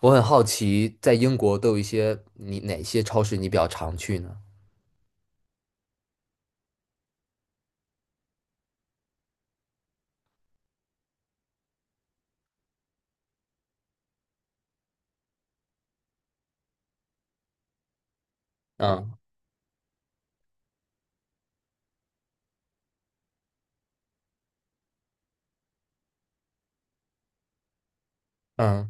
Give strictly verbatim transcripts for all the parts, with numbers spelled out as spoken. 我很好奇，在英国都有一些你哪些超市你比较常去呢？嗯。嗯。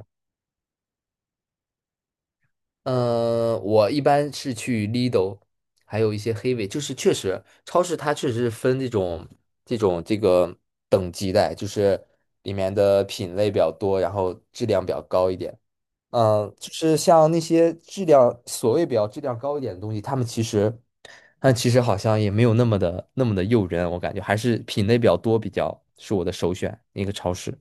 呃，我一般是去 Lidl，还有一些黑尾，就是确实超市它确实是分这种这种这个等级的，就是里面的品类比较多，然后质量比较高一点。呃，就是像那些质量所谓比较质量高一点的东西，他们其实，但其实好像也没有那么的那么的诱人，我感觉还是品类比较多，比较是我的首选一个超市。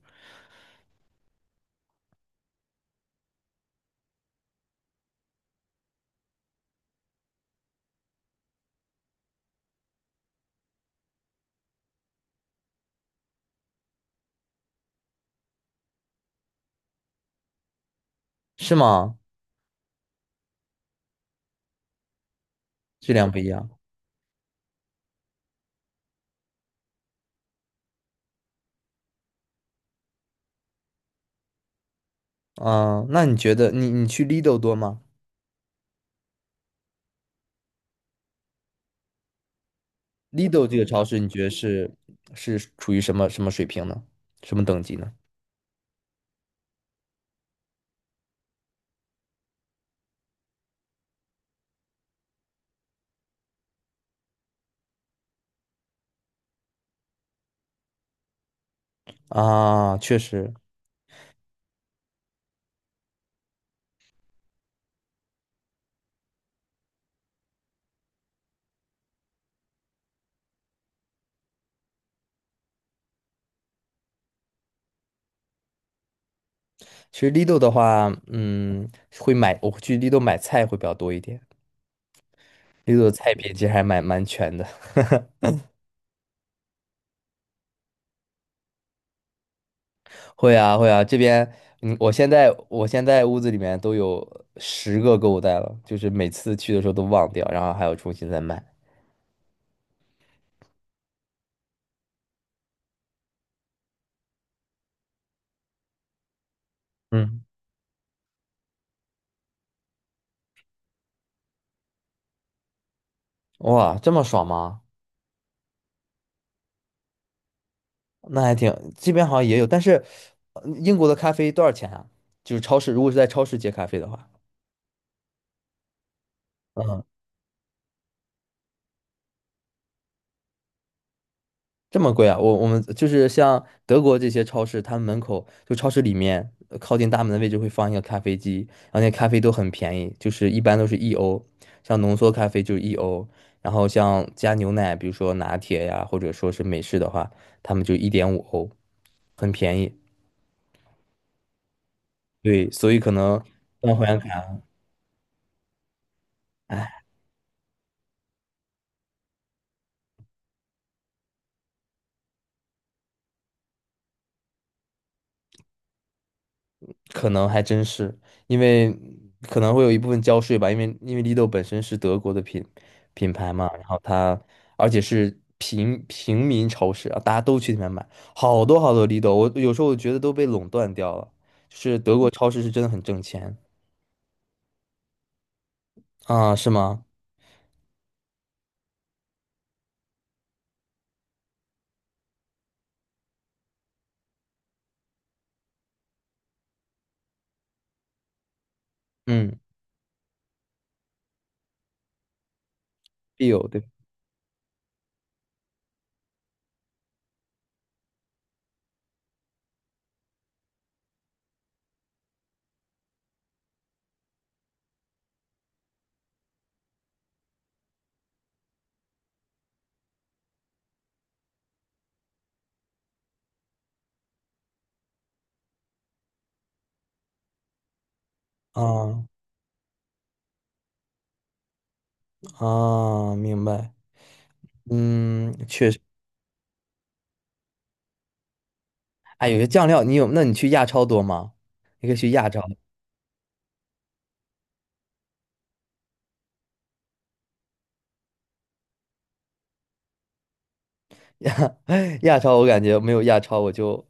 是吗？质量不一样。嗯、那你觉得你你去 Lidl 多吗？Lidl 这个超市你觉得是是处于什么什么水平呢？什么等级呢？啊，确实。其实 Lidl 的话，嗯，会买，我会去 Lidl 买菜会比较多一点，Lidl 的菜品其实还蛮蛮全的。会啊会啊，这边嗯，我现在我现在屋子里面都有十个购物袋了，就是每次去的时候都忘掉，然后还要重新再买。嗯。哇，这么爽吗？那还挺，这边好像也有，但是呃英国的咖啡多少钱啊？就是超市，如果是在超市接咖啡的话。这么贵啊？我我们就是像德国这些超市，他们门口就超市里面呃靠近大门的位置会放一个咖啡机，然后那咖啡都很便宜，就是一般都是一欧，像浓缩咖啡就是一欧，然后像加牛奶，比如说拿铁呀，或者说是美式的话，他们就一点五欧，很便宜。对，所以可能办会员卡。可能还真是，因为可能会有一部分交税吧，因为因为 Lido 本身是德国的品品牌嘛，然后它而且是平平民超市啊，大家都去里面买，好多好多 Lido，我有时候我觉得都被垄断掉了，就是德国超市是真的很挣钱啊。是吗？嗯。必有对啊。啊，明白。嗯，确实。哎，有些酱料你有，那你去亚超多吗？你可以去亚超。亚 亚超，我感觉没有亚超我就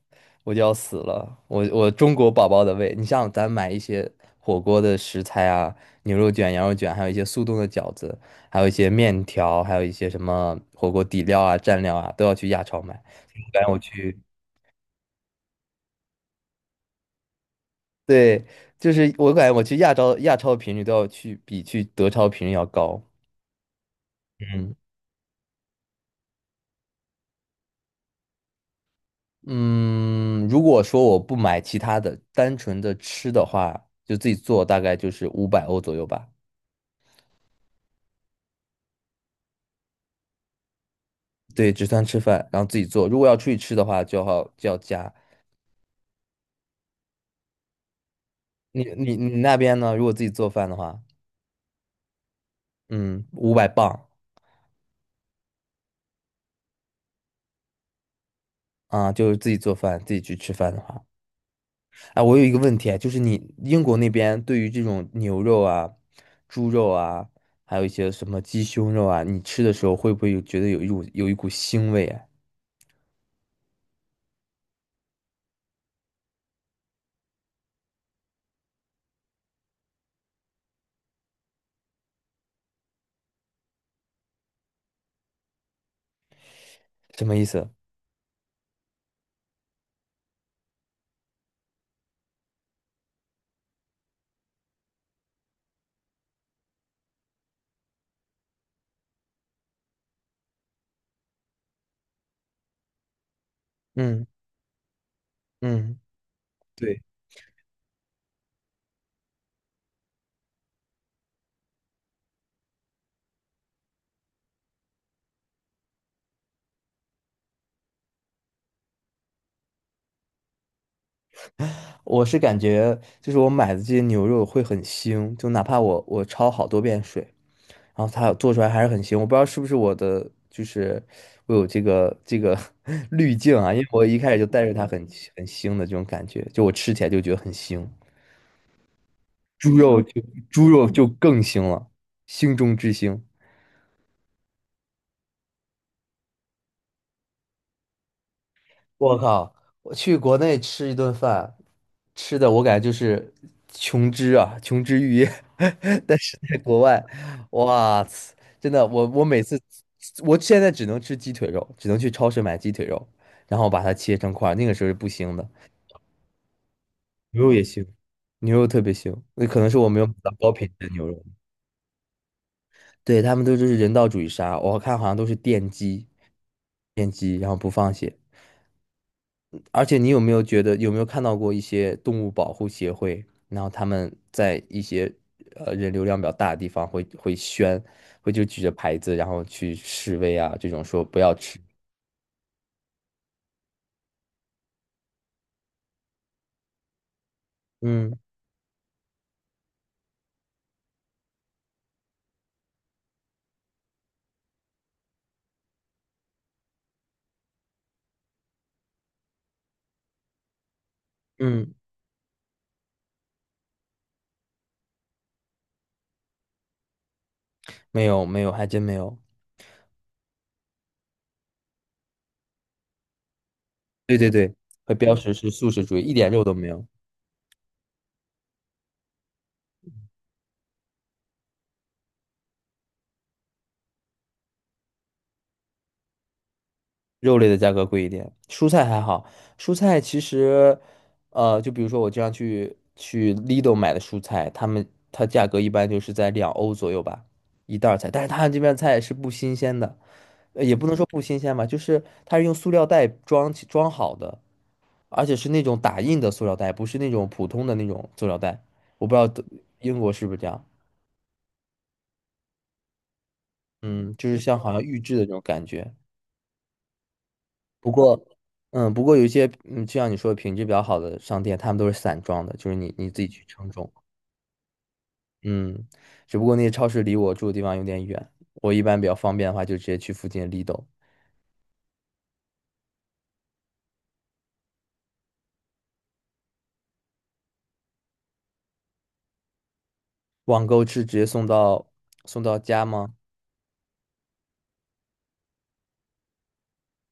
我就要死了。我我中国宝宝的胃，你像咱买一些火锅的食材啊，牛肉卷、羊肉卷，还有一些速冻的饺子，还有一些面条，还有一些什么火锅底料啊、蘸料啊，都要去亚超买。我感觉我去。对，就是我感觉我去亚超亚超的频率都要去比去德超频率要高。嗯。嗯，如果说我不买其他的，单纯的吃的话，就自己做，大概就是五百欧左右吧。对，只算吃饭，然后自己做。如果要出去吃的话，就要就要加。你你你那边呢？如果自己做饭的话，嗯，五百磅。啊，就是自己做饭，自己去吃饭的话。啊，我有一个问题啊，就是你英国那边对于这种牛肉啊、猪肉啊，还有一些什么鸡胸肉啊，你吃的时候会不会有觉得有一股有一股腥味啊？什么意思？嗯。嗯。对。我是感觉，就是我买的这些牛肉会很腥，就哪怕我我焯好多遍水，然后它做出来还是很腥，我不知道是不是我的，就是我有这个这个 滤镜啊，因为我一开始就带着它很很腥的这种感觉，就我吃起来就觉得很腥。猪肉就猪肉就更腥了，腥中之腥。我靠！我去国内吃一顿饭，吃的我感觉就是琼脂啊，琼脂玉液。但是在国外，哇塞，真的，我我每次，我现在只能吃鸡腿肉，只能去超市买鸡腿肉，然后把它切成块儿那个时候是不腥的。牛肉也腥，牛肉特别腥。那可能是我没有买到高品质的牛肉。对，他们都就是人道主义杀，我看好像都是电击。电击，然后不放血。而且你有没有觉得，有没有看到过一些动物保护协会，然后他们在一些呃人流量比较大的地方会会宣，会就举着牌子，然后去示威啊，这种说不要吃。嗯。嗯，没有没有，还真没有。对对对，会标识是素食主义，一点肉都没有。肉类的价格贵一点，蔬菜还好。蔬菜其实，呃，就比如说我经常去去 Lidl 买的蔬菜，他们它价格一般就是在两欧左右吧，一袋儿菜。但是他这边菜是不新鲜的，呃也不能说不新鲜吧，就是它是用塑料袋装起装好的，而且是那种打印的塑料袋，不是那种普通的那种塑料袋。我不知道德英国是不是这样，嗯，就是像好像预制的那种感觉。不过，嗯，不过有一些，嗯，就像你说的品质比较好的商店，他们都是散装的，就是你你自己去称重。嗯，只不过那些超市离我住的地方有点远，我一般比较方便的话，就直接去附近的 Lidl。网购是直接送到送到家吗？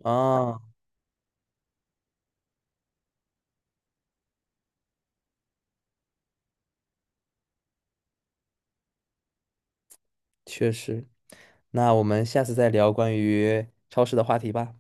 啊，确实。那我们下次再聊关于超市的话题吧。